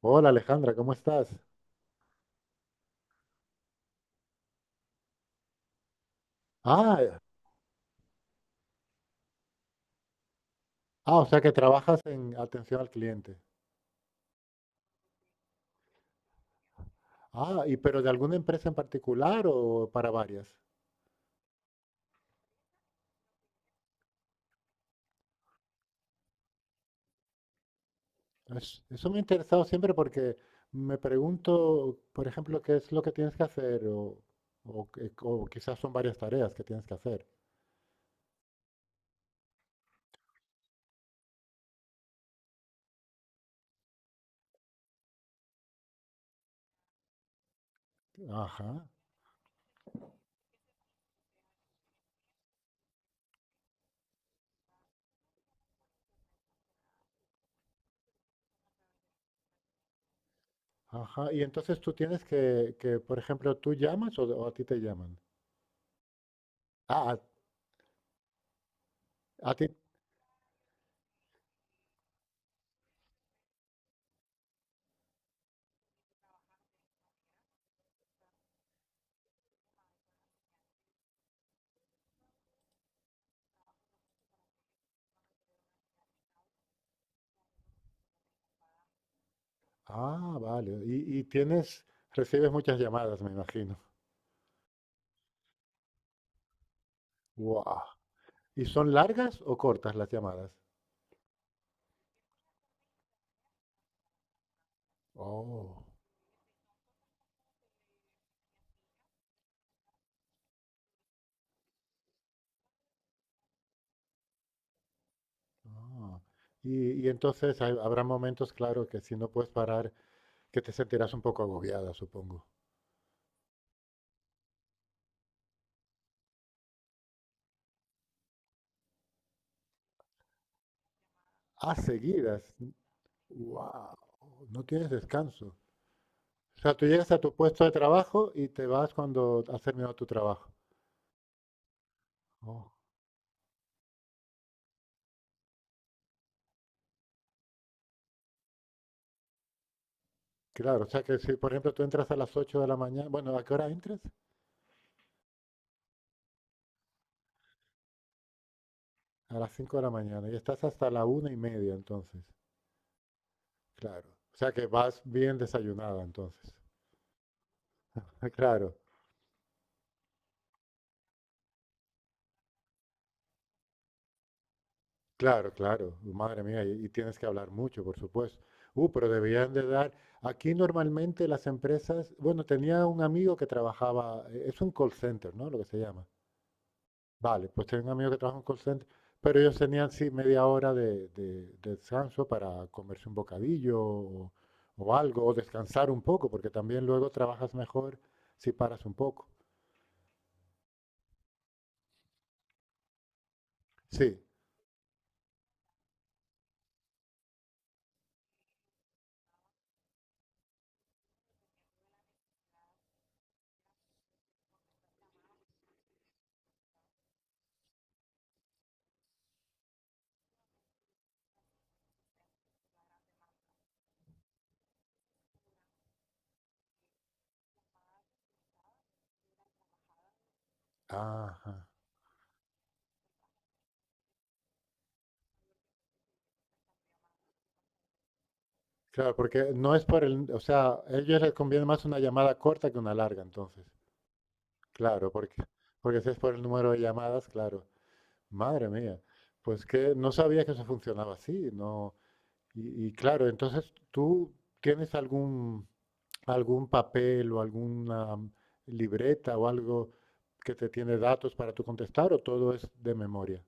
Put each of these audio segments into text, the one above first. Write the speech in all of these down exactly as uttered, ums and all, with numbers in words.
Hola Alejandra, ¿cómo estás? Ah, eh, ah, o sea que trabajas en atención al cliente. Ah, y pero de alguna empresa en particular o para varias. Es- Eso me ha interesado siempre porque me pregunto, por ejemplo, qué es lo que tienes que hacer o, o qué- o quizás son varias tareas que tienes que hacer. Ajá, ajá. Y entonces tú tienes que, que, por ejemplo, tú llamas o, o a ti te llaman. Ah, a, a ti. Ah, vale. Y, y tienes, recibes muchas llamadas, me imagino. Wow. ¿Y son largas o cortas las llamadas? Oh, ah. Y, y entonces hay- habrá momentos, claro, que si no puedes parar, que te sentirás un poco agobiada, supongo. Ah, seguidas. Wow, no tienes descanso. O sea, tú llegas a tu puesto de trabajo y te vas cuando has terminado tu trabajo. Oh, claro, o sea que si, por ejemplo, tú entras a las ocho de la mañana, bueno, ¿a qué hora entras? A las cinco de la mañana y estás hasta la una y media entonces. Claro. O sea que vas bien desayunada entonces. Claro. Claro, claro, madre mía, y, y tienes que hablar mucho, por supuesto. Uh, pero deberían de dar. Aquí normalmente las empresas, bueno, tenía un amigo que trabajaba, eh, es un call center, ¿no? Lo que se llama. Vale, pues tenía un amigo que trabaja en un call center, pero ellos tenían, sí, media hora de, de- de descanso para comerse un bocadillo o, o algo, o descansar un poco, porque también luego trabajas mejor si paras un poco. Sí, ajá. Claro, porque no es por el, o sea, a ellos les conviene más una llamada corta que una larga, entonces. Claro, porque, porque si es por el número de llamadas, claro. Madre mía, pues que no sabía que eso funcionaba así, no. Y, y claro, entonces tú tienes algún algún papel o alguna mm, libreta o algo que te tiene datos para tú contestar o todo es de memoria.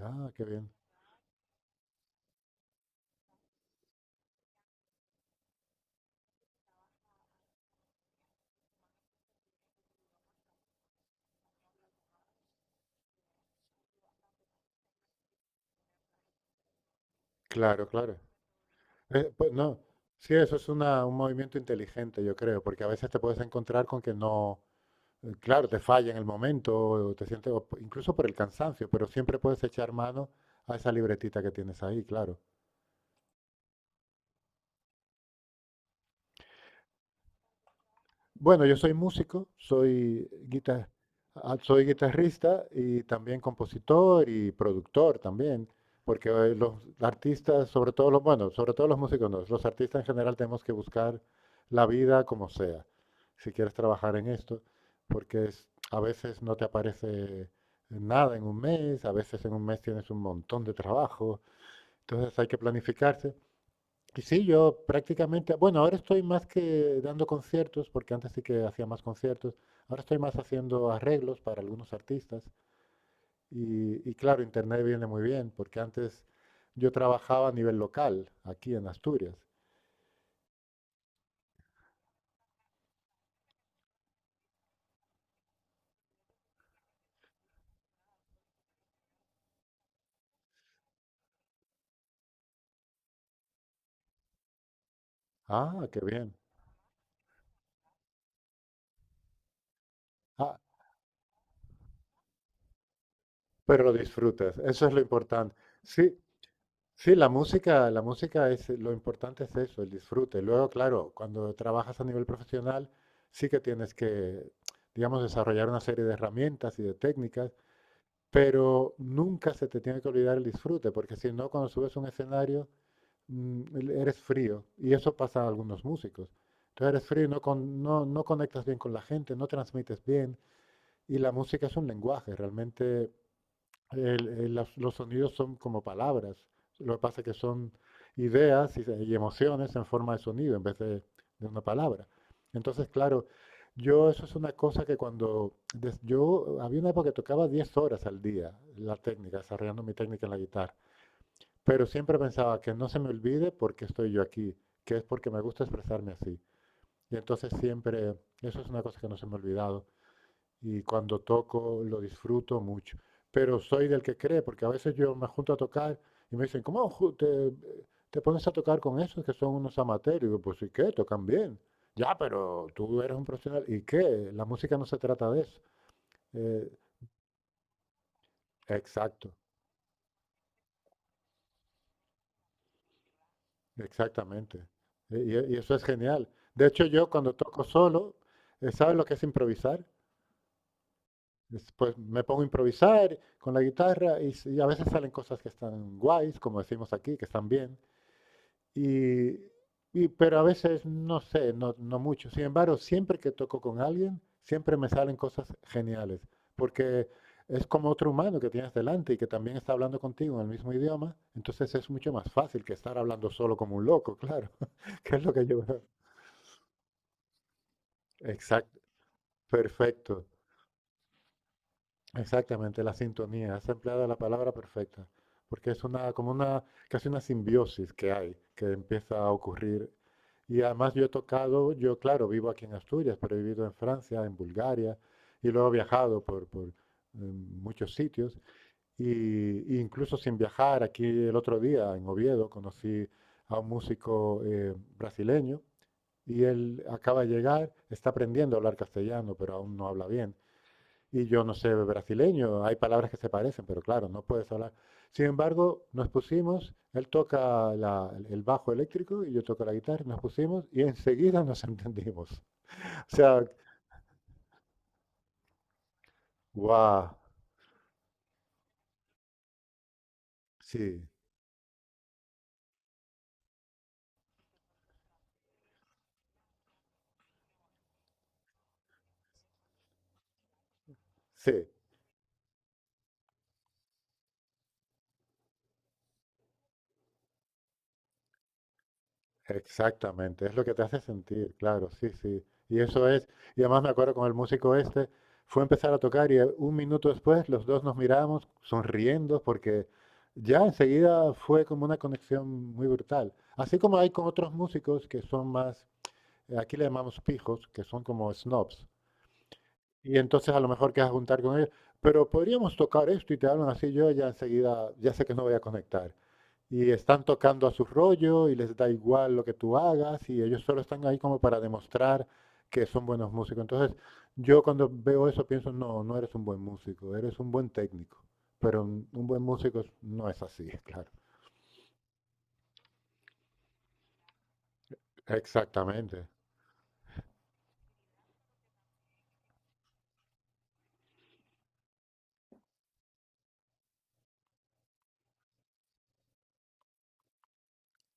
Ah, qué bien. Claro, claro. Eh, pues no, sí, eso es una- un movimiento inteligente, yo creo, porque a veces te puedes encontrar con que no, eh, claro, te falla en el momento, o te sientes, o p- incluso por el cansancio, pero siempre puedes echar mano a esa libretita que tienes ahí, claro. Bueno, yo soy músico, soy guita- ah, soy guitarrista y también compositor y productor también, porque eh, los artistas, sobre todo los, bueno, sobre todo los músicos no, los artistas en general tenemos que buscar la vida como sea, si quieres trabajar en esto, porque es- a veces no te aparece nada en un mes, a veces en un mes tienes un montón de trabajo, entonces hay que planificarse. Y sí, yo prácticamente, bueno, ahora estoy más que dando conciertos, porque antes sí que hacía más conciertos, ahora estoy más haciendo arreglos para algunos artistas y, y claro, internet viene muy bien, porque antes yo trabajaba a nivel local, aquí en Asturias. Ah, qué bien. Ah, pero lo disfrutas, eso es lo importante. Sí, sí, la música, la música es, lo importante es eso, el disfrute. Luego, claro, cuando trabajas a nivel profesional, sí que tienes que, digamos, desarrollar una serie de herramientas y de técnicas, pero nunca se te tiene que olvidar el disfrute, porque si no, cuando subes a un escenario, mm, el- eres frío, y eso pasa a algunos músicos. Entonces eres frío, y no, con- no, no conectas bien con la gente, no transmites bien, y la música es un lenguaje, realmente el- el- las- los sonidos son como palabras. Lo que pasa es que son ideas y, se- y emociones en forma de sonido en vez de, de una palabra. Entonces, claro, yo eso es una cosa que cuando des- yo había una época que tocaba diez horas al día la técnica, desarrollando mi técnica en la guitarra, pero siempre pensaba que no se me olvide porque estoy yo aquí, que es porque me gusta expresarme así. Y entonces siempre, eso es una cosa que no se me ha olvidado y cuando toco lo disfruto mucho. Pero soy del que cree, porque a veces yo me junto a tocar y me dicen, ¿cómo ju- te, te pones a tocar con esos que son unos amateurs? Y digo, pues ¿y qué? Tocan bien. Ya, pero tú eres un profesional. ¿Y qué? La música no se trata de eso. Eh, exacto, exactamente. Eh, Y, y eso es genial. De hecho, yo cuando toco solo, eh, ¿sabes lo que es improvisar? Es, Pues me pongo a improvisar con la guitarra y, s- y a veces salen cosas que están guays, como decimos aquí, que están bien. Y, y- pero a veces, no sé, no, no mucho. Sin embargo, siempre que toco con alguien, siempre me salen cosas geniales, porque es como otro humano que tienes delante y que también está hablando contigo en el mismo idioma, entonces es mucho más fácil que estar hablando solo como un loco, claro, que es lo que yo veo. Exacto, perfecto. Exactamente, la sintonía. Has empleado la palabra perfecta, porque es una, como una, casi una simbiosis que hay, que empieza a ocurrir. Y además yo he tocado, yo claro, vivo aquí en Asturias, pero he vivido en Francia, en Bulgaria, y luego he viajado por, por eh, muchos sitios. Y, y incluso sin viajar, aquí el otro día en Oviedo conocí a un músico eh, brasileño y él acaba de llegar, está aprendiendo a hablar castellano, pero aún no habla bien y yo no sé brasileño, hay palabras que se parecen, pero claro, no puedes hablar. Sin embargo, nos pusimos, él toca la- el bajo eléctrico y yo toco la guitarra, nos pusimos y enseguida nos entendimos. O sea, guau, wow, sí, sí. Exactamente, es lo que te hace sentir, claro, sí, sí. Y eso es, y además me acuerdo con el músico este, fue a empezar a tocar y eh, un minuto después los dos nos miramos sonriendo porque ya enseguida fue como una conexión muy brutal. Así como hay con otros músicos que son más, eh, aquí le llamamos pijos, que son como snobs. Y entonces a lo mejor quedas a juntar con ellos, pero podríamos tocar esto y te hablan así, yo ya enseguida, ya sé que no voy a conectar y están tocando a su rollo y les da igual lo que tú hagas y ellos solo están ahí como para demostrar que son buenos músicos. Entonces, yo cuando veo eso pienso, no, no eres un buen músico, eres un buen técnico, pero un, un buen músico es- no es así, claro. Exactamente.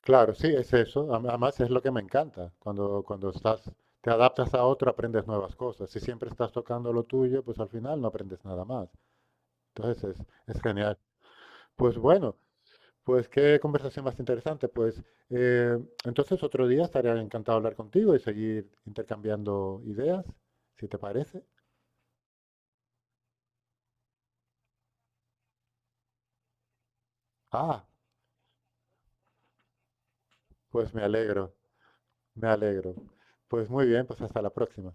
Claro, sí, es eso. Am- Además, es lo que me encanta. Cuando, cuando estás, te adaptas a otro, aprendes nuevas cosas. Si siempre estás tocando lo tuyo, pues al final no aprendes nada más. Entonces, es, es genial. Pues bueno. Pues qué conversación más interesante. Pues eh, entonces otro día estaré encantado de hablar contigo y seguir intercambiando ideas, si te parece. Ah, pues me alegro, me alegro. Pues muy bien, pues hasta la próxima.